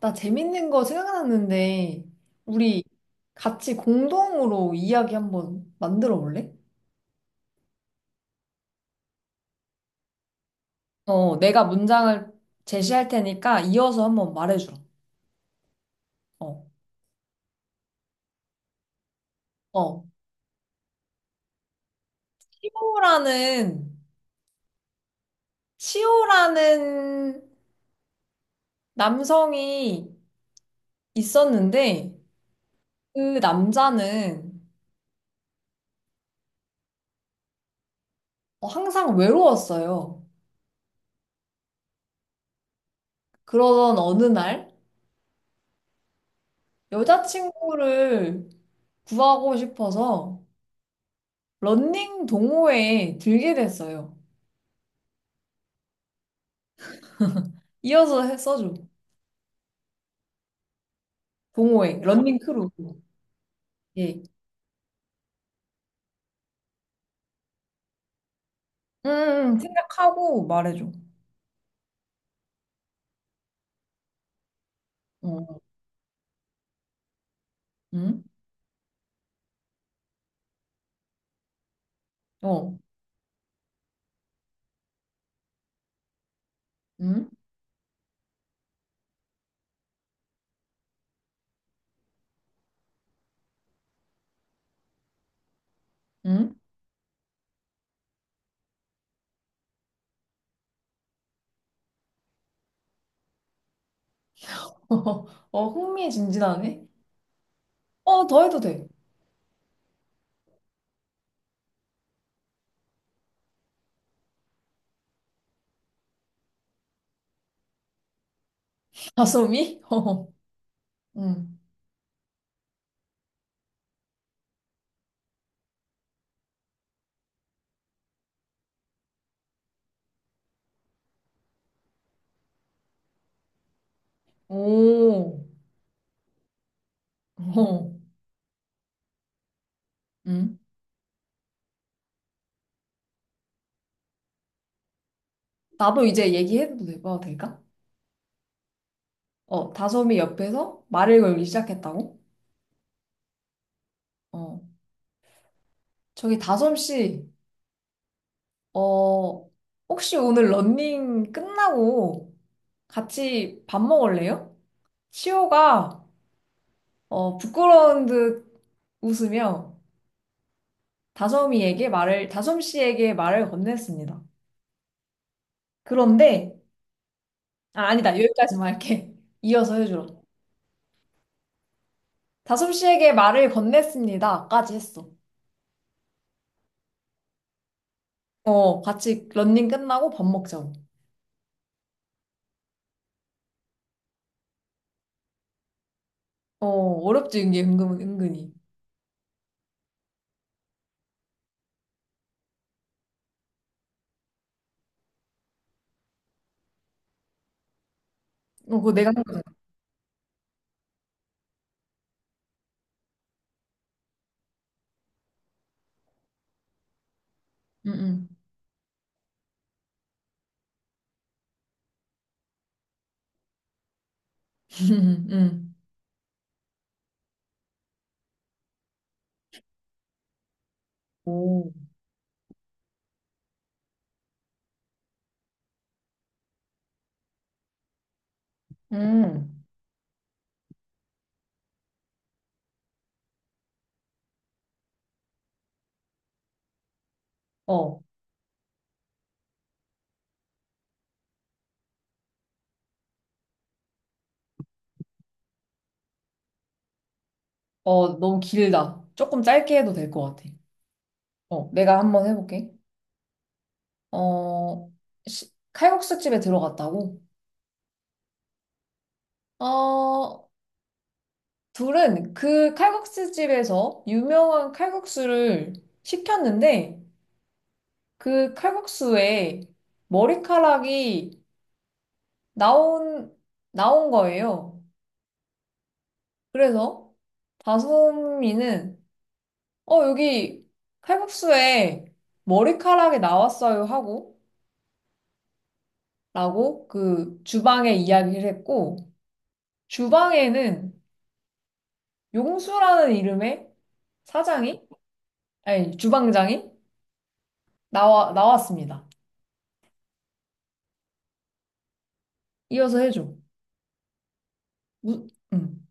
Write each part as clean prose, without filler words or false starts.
나 재밌는 거 생각났는데, 우리 같이 공동으로 이야기 한번 만들어 볼래? 내가 문장을 제시할 테니까 이어서 한번 말해줘. 어. 어, 시호라는, 시호라는 남성이 있었는데 그 남자는 항상 외로웠어요. 그러던 어느 날 여자친구를 구하고 싶어서 런닝 동호회에 들게 됐어요. 이어서 써줘. 동호회, 런닝 크루. 예. 음, 생각하고 말해줘. 어, 음, 어, 음, 음. 흥미진진하네. 더 해도 돼. 다솜이? 어, 음. 오, 어, 음. 나도 이제 얘기해도 될거 될까? 다솜이 옆에서 말을 걸기 시작했다고? 어, 저기 다솜 씨, 어, 혹시 오늘 런닝 끝나고 같이 밥 먹을래요? 시호가 부끄러운 듯 웃으며 다솜 씨에게 말을 건넸습니다. 그런데, 아, 아니다. 여기까지만 할게. 이어서 해주라. 다솜 씨에게 말을 건넸습니다.까지 했어. 같이 런닝 끝나고 밥 먹자고. 어렵지, 이게 은근히. 그거 내가 한 거. 응, 응. 응. 오. 음. 어, 너무 길다. 조금 짧게 해도 될 것 같아. 내가 한번 해볼게. 어, 칼국수 집에 들어갔다고? 어, 둘은 그 칼국수 집에서 유명한 칼국수를 시켰는데 그 칼국수에 머리카락이 나온, 나온 거예요. 그래서 다솜이는 여기 칼국수에 머리카락이 나왔어요 하고 라고 그 주방에 이야기를 했고 주방에는 용수라는 이름의 사장이, 아니, 주방장이 나왔습니다. 이어서 해줘. 무, 응,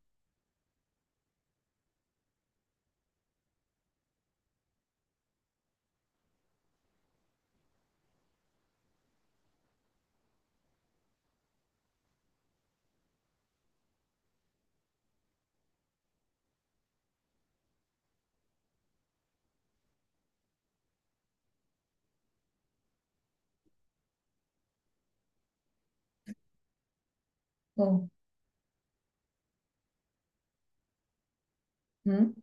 어, 응,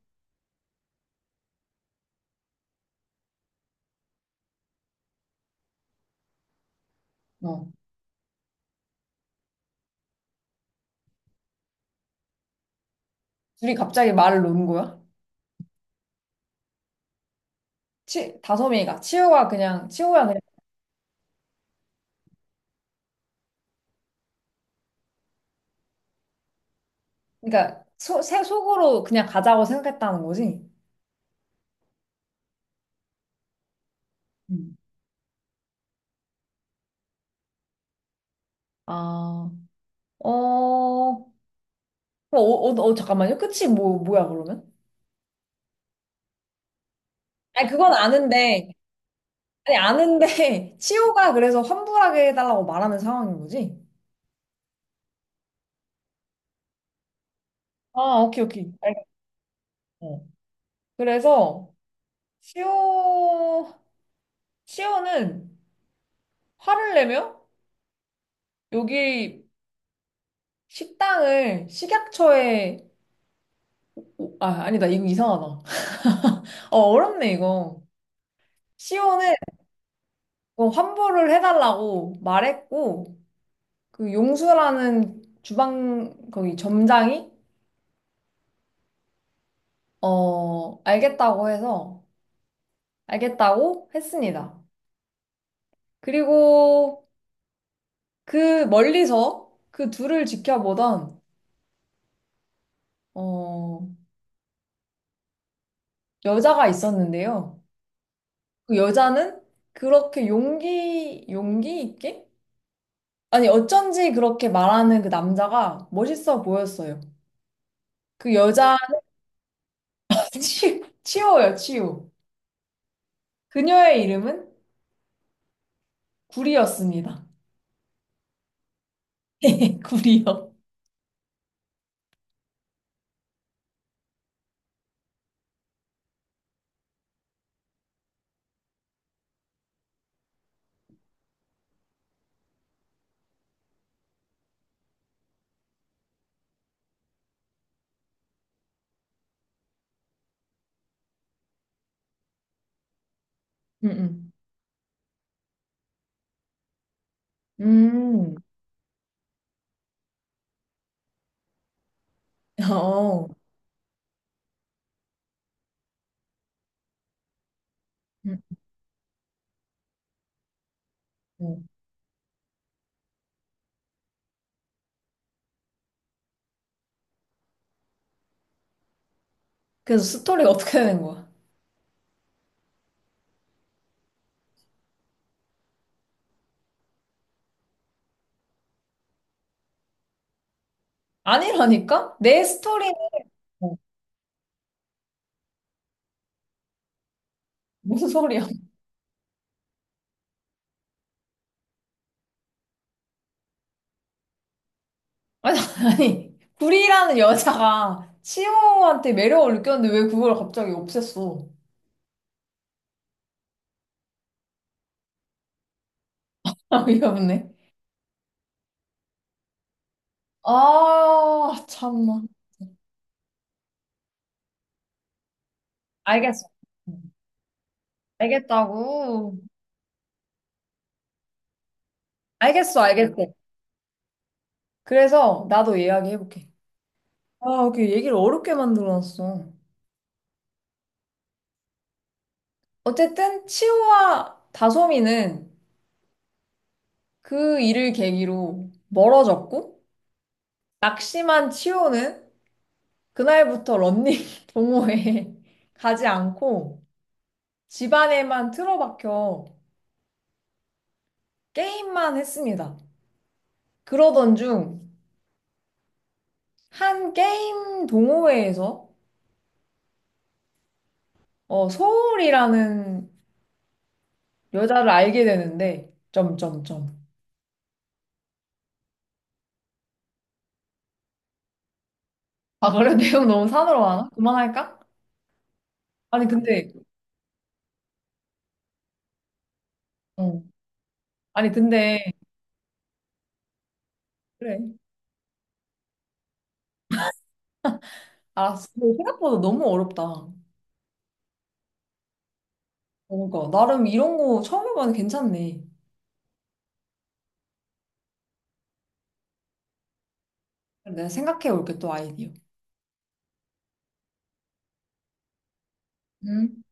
어. 둘이 갑자기 말을 놓는 거야? 치우야 그냥, 그러니까, 새 속으로 그냥 가자고 생각했다는 거지? 응. 아, 어, 어, 어, 잠깐만요. 끝이 뭐야, 그러면? 아니, 그건 아는데, 아니, 아는데, 치호가 그래서 환불하게 해달라고 말하는 상황인 거지? 아, 오케이, 오케이. 알겠어. 그래서 시오 시오는 화를 내며 여기 식당을 식약처에 아 아니다 이거 이상하다. 어렵네 이거. 시오는 뭐 환불을 해달라고 말했고 그 용수라는 주방 거기 점장이 어 알겠다고 해서 알겠다고 했습니다. 그리고 그 멀리서 그 둘을 지켜보던 어 여자가 있었는데요. 그 여자는 그렇게 용기 있게? 아니, 어쩐지 그렇게 말하는 그 남자가 멋있어 보였어요. 그 여자, 치호요, 치호. 그녀의 이름은 구리였습니다. 구리요. 음, 음. 어. 음, 음. 그래서 스토리가 어떻게 되는 거야? 아니라니까? 내 스토리는 뭐, 무슨 소리야? 아니, 아니. 구리라는 여자가 치호한테 매력을 느꼈는데 왜 그걸 갑자기 없앴어? 아, 이없네. 아, 참나. 알겠어. 알겠다고. 알겠어, 알겠어. 그래서 나도 이야기해볼게. 아, 이렇게 얘기를 어렵게 만들어놨어. 어쨌든, 치호와 다솜이는 그 일을 계기로 멀어졌고, 낙심한 치호는 그날부터 런닝 동호회에 가지 않고, 집안에만 틀어박혀 게임만 했습니다. 그러던 중, 한 게임 동호회에서 서울이라는 여자를 알게 되는데, 점점점. 아, 그래? 내용 너무 산으로 가나? 그만할까? 아니, 근데, 어. 아니, 근데, 그래. 알았어. 근데 생각보다 너무 어렵다. 뭔가, 나름 이런 거 처음 해봐도 괜찮네. 그래, 내가 생각해 올게, 또 아이디어. 음.